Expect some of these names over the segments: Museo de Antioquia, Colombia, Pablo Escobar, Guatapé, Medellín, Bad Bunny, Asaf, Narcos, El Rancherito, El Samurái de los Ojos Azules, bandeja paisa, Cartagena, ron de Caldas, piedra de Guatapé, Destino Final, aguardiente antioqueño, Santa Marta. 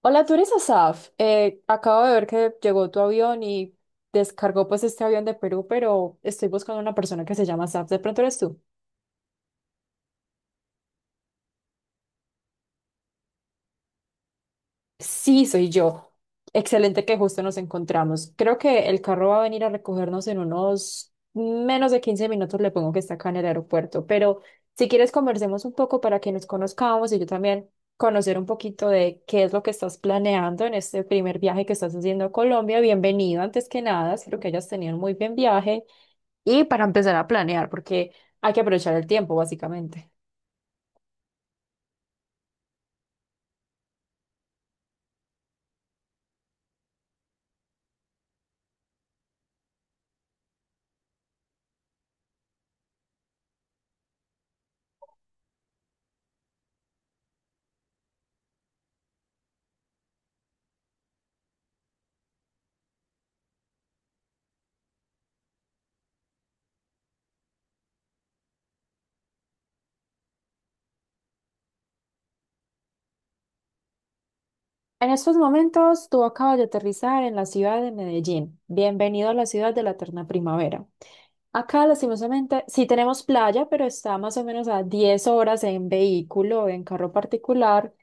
Hola, tú eres Asaf. Acabo de ver que llegó tu avión y descargó pues este avión de Perú, pero estoy buscando una persona que se llama Asaf. ¿De pronto eres tú? Sí, soy yo. Excelente que justo nos encontramos. Creo que el carro va a venir a recogernos en unos menos de 15 minutos. Le pongo que está acá en el aeropuerto, pero si quieres conversemos un poco para que nos conozcamos y yo también conocer un poquito de qué es lo que estás planeando en este primer viaje que estás haciendo a Colombia. Bienvenido antes que nada. Espero que hayas tenido un muy buen viaje. Y para empezar a planear, porque hay que aprovechar el tiempo, básicamente. En estos momentos, tú acabas de aterrizar en la ciudad de Medellín. Bienvenido a la ciudad de la eterna primavera. Acá, lastimosamente, sí tenemos playa, pero está más o menos a 10 horas en vehículo, en carro particular.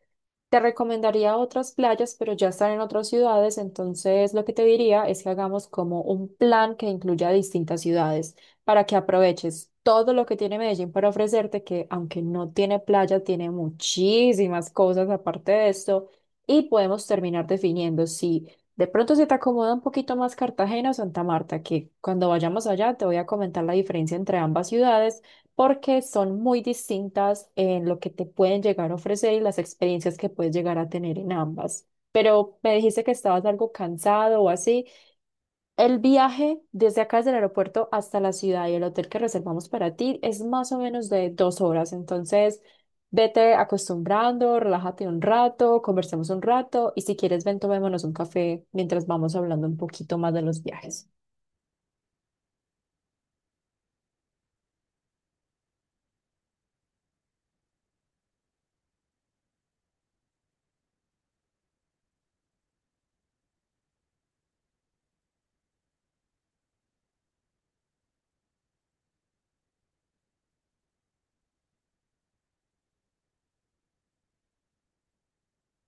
Te recomendaría otras playas, pero ya están en otras ciudades, entonces lo que te diría es que hagamos como un plan que incluya distintas ciudades para que aproveches todo lo que tiene Medellín para ofrecerte, que aunque no tiene playa, tiene muchísimas cosas aparte de esto y podemos terminar definiendo si de pronto se te acomoda un poquito más Cartagena o Santa Marta, que cuando vayamos allá te voy a comentar la diferencia entre ambas ciudades porque son muy distintas en lo que te pueden llegar a ofrecer y las experiencias que puedes llegar a tener en ambas. Pero me dijiste que estabas algo cansado o así. El viaje desde acá, desde el aeropuerto hasta la ciudad y el hotel que reservamos para ti es más o menos de 2 horas. Entonces, vete acostumbrando, relájate un rato, conversemos un rato y si quieres, ven, tomémonos un café mientras vamos hablando un poquito más de los viajes.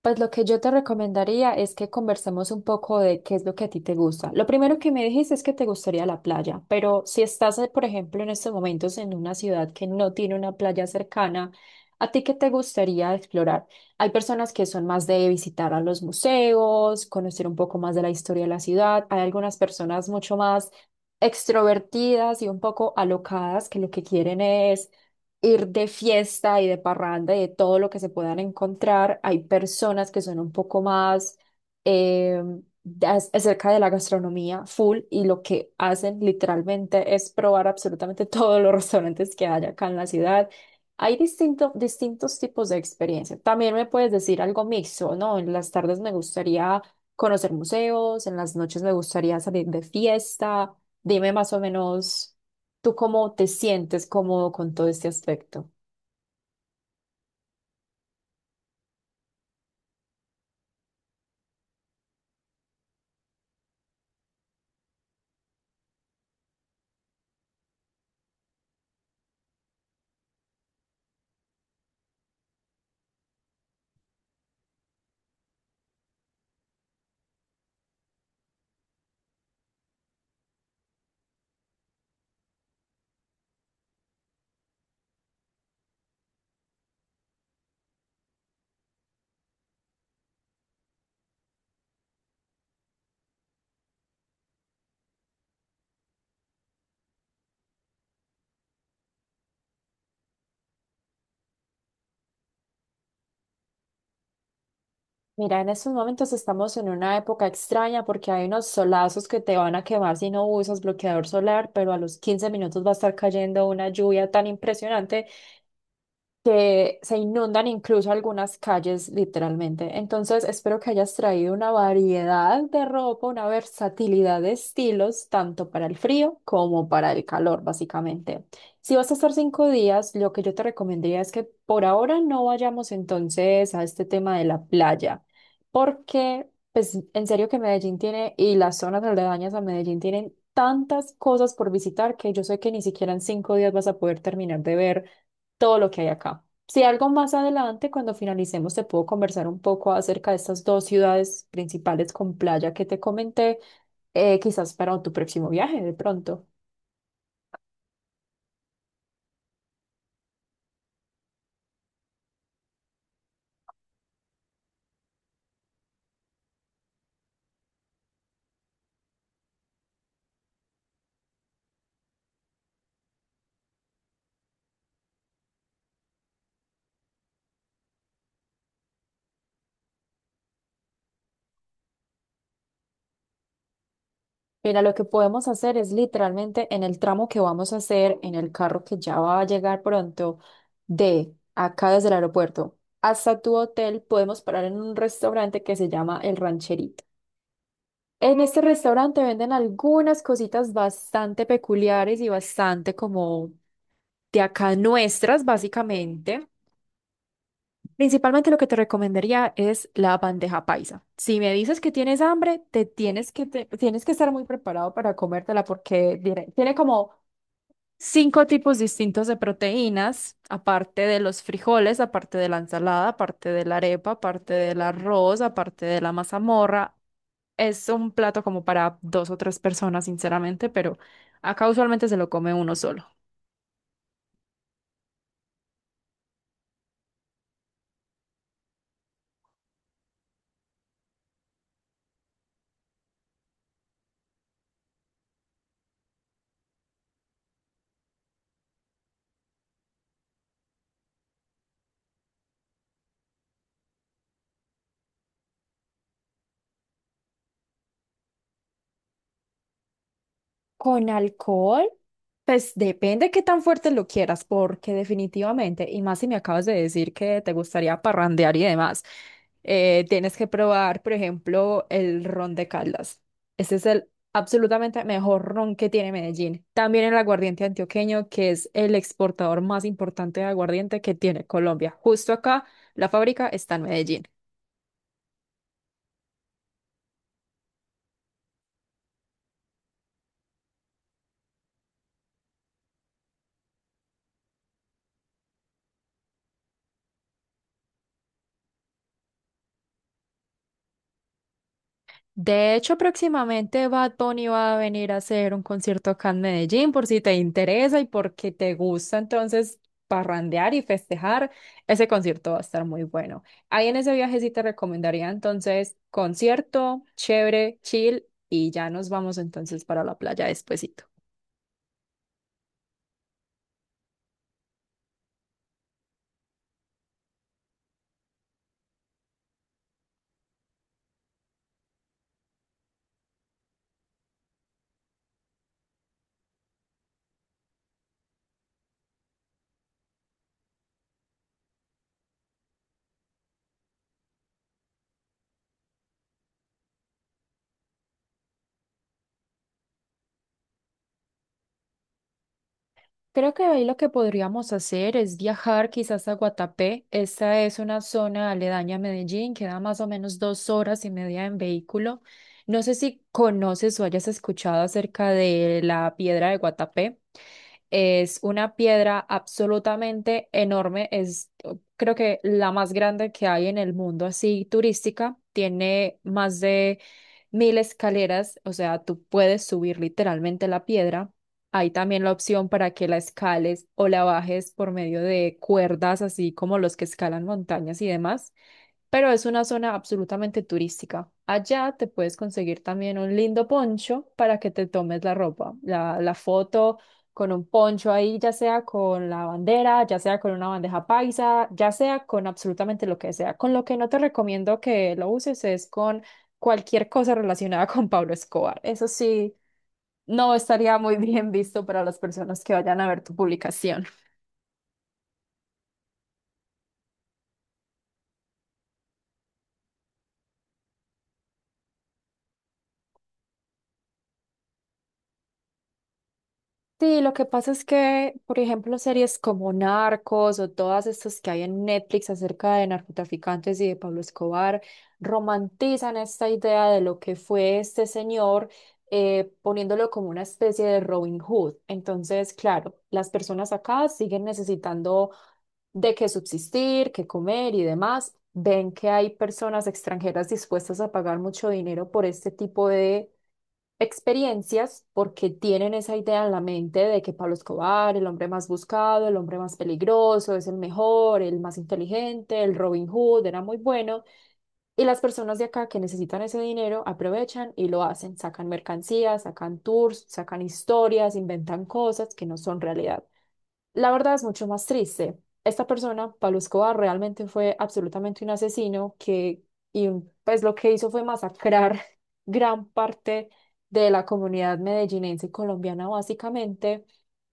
Pues lo que yo te recomendaría es que conversemos un poco de qué es lo que a ti te gusta. Lo primero que me dijiste es que te gustaría la playa, pero si estás, por ejemplo, en estos momentos en una ciudad que no tiene una playa cercana, ¿a ti qué te gustaría explorar? Hay personas que son más de visitar a los museos, conocer un poco más de la historia de la ciudad. Hay algunas personas mucho más extrovertidas y un poco alocadas que lo que quieren es ir de fiesta y de parranda y de todo lo que se puedan encontrar. Hay personas que son un poco más eh, acerca de la gastronomía full y lo que hacen literalmente es probar absolutamente todos los restaurantes que hay acá en la ciudad. Hay distintos tipos de experiencia. También me puedes decir algo mixto, ¿no? En las tardes me gustaría conocer museos, en las noches me gustaría salir de fiesta. Dime más o menos. ¿Tú cómo te sientes cómodo con todo este aspecto? Mira, en estos momentos estamos en una época extraña porque hay unos solazos que te van a quemar si no usas bloqueador solar, pero a los 15 minutos va a estar cayendo una lluvia tan impresionante que se inundan incluso algunas calles literalmente. Entonces, espero que hayas traído una variedad de ropa, una versatilidad de estilos, tanto para el frío como para el calor, básicamente. Si vas a estar 5 días, lo que yo te recomendaría es que por ahora no vayamos entonces a este tema de la playa, porque pues en serio que Medellín tiene y las zonas aledañas a Medellín tienen tantas cosas por visitar que yo sé que ni siquiera en 5 días vas a poder terminar de ver todo lo que hay acá. Si algo más adelante, cuando finalicemos, te puedo conversar un poco acerca de estas dos ciudades principales con playa que te comenté, quizás para tu próximo viaje de pronto. Mira, lo que podemos hacer es literalmente en el tramo que vamos a hacer, en el carro que ya va a llegar pronto, de acá desde el aeropuerto hasta tu hotel, podemos parar en un restaurante que se llama El Rancherito. En este restaurante venden algunas cositas bastante peculiares y bastante como de acá nuestras, básicamente. Principalmente lo que te recomendaría es la bandeja paisa. Si me dices que tienes hambre, tienes que estar muy preparado para comértela porque tiene como cinco tipos distintos de proteínas, aparte de los frijoles, aparte de la ensalada, aparte de la arepa, aparte del arroz, aparte de la mazamorra. Es un plato como para dos o tres personas, sinceramente, pero acá usualmente se lo come uno solo. Con alcohol, pues depende qué tan fuerte lo quieras, porque definitivamente, y más si me acabas de decir que te gustaría parrandear y demás, tienes que probar, por ejemplo, el ron de Caldas. Ese es el absolutamente mejor ron que tiene Medellín. También el aguardiente antioqueño, que es el exportador más importante de aguardiente que tiene Colombia. Justo acá, la fábrica está en Medellín. De hecho, próximamente Bad Bunny va a venir a hacer un concierto acá en Medellín, por si te interesa y porque te gusta entonces parrandear y festejar. Ese concierto va a estar muy bueno. Ahí en ese viaje sí te recomendaría entonces concierto, chévere, chill y ya nos vamos entonces para la playa despuesito. Creo que ahí lo que podríamos hacer es viajar quizás a Guatapé. Esta es una zona aledaña a Medellín, queda más o menos 2 horas y media en vehículo. No sé si conoces o hayas escuchado acerca de la piedra de Guatapé. Es una piedra absolutamente enorme, creo que la más grande que hay en el mundo, así turística. Tiene más de 1000 escaleras, o sea, tú puedes subir literalmente la piedra. Hay también la opción para que la escales o la bajes por medio de cuerdas, así como los que escalan montañas y demás, pero es una zona absolutamente turística. Allá te puedes conseguir también un lindo poncho para que te tomes la ropa, la foto con un poncho ahí, ya sea con la bandera, ya sea con una bandeja paisa, ya sea con absolutamente lo que sea. Con lo que no te recomiendo que lo uses es con cualquier cosa relacionada con Pablo Escobar. Eso sí. No estaría muy bien visto para las personas que vayan a ver tu publicación. Sí, lo que pasa es que, por ejemplo, series como Narcos o todas estas que hay en Netflix acerca de narcotraficantes y de Pablo Escobar romantizan esta idea de lo que fue este señor, poniéndolo como una especie de Robin Hood. Entonces, claro, las personas acá siguen necesitando de qué subsistir, qué comer y demás. Ven que hay personas extranjeras dispuestas a pagar mucho dinero por este tipo experiencias porque tienen esa idea en la mente de que Pablo Escobar, el hombre más buscado, el hombre más peligroso, es el mejor, el más inteligente, el Robin Hood, era muy bueno. Y las personas de acá que necesitan ese dinero aprovechan y lo hacen, sacan mercancías, sacan tours, sacan historias, inventan cosas que no son realidad. La verdad es mucho más triste. Esta persona, Pablo Escobar, realmente fue absolutamente un asesino que, pues lo que hizo fue masacrar gran parte de la comunidad medellinense y colombiana, básicamente.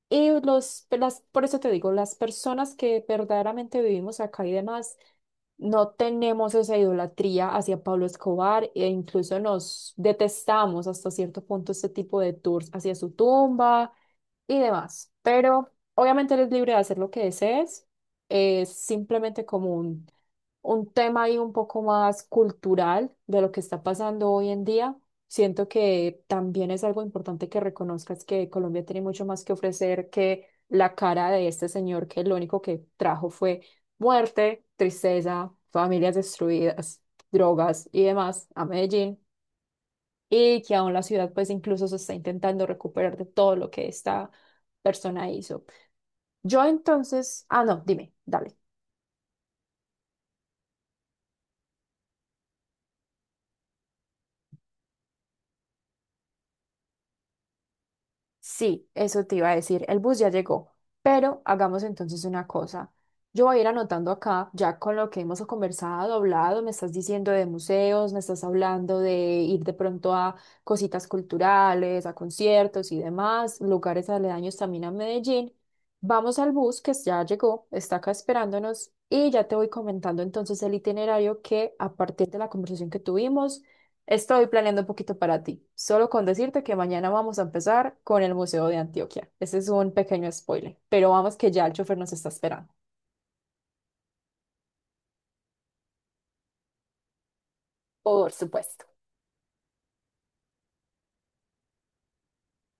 Y, pues, por eso te digo, las personas que verdaderamente vivimos acá y demás, no tenemos esa idolatría hacia Pablo Escobar e incluso nos detestamos hasta cierto punto este tipo de tours hacia su tumba y demás. Pero obviamente eres libre de hacer lo que desees. Es simplemente como un tema ahí un poco más cultural de lo que está pasando hoy en día. Siento que también es algo importante que reconozcas que Colombia tiene mucho más que ofrecer que la cara de este señor que lo único que trajo fue muerte, tristeza, familias destruidas, drogas y demás a Medellín y que aún la ciudad pues incluso se está intentando recuperar de todo lo que esta persona hizo. Yo entonces, no, dime, dale. Sí, eso te iba a decir. El bus ya llegó, pero hagamos entonces una cosa. Yo voy a ir anotando acá, ya con lo que hemos conversado, hablado, me estás diciendo de museos, me estás hablando de ir de pronto a cositas culturales, a conciertos y demás, lugares aledaños también a Medellín. Vamos al bus que ya llegó, está acá esperándonos y ya te voy comentando entonces el itinerario que a partir de la conversación que tuvimos estoy planeando un poquito para ti, solo con decirte que mañana vamos a empezar con el Museo de Antioquia. Ese es un pequeño spoiler, pero vamos que ya el chofer nos está esperando. Por supuesto.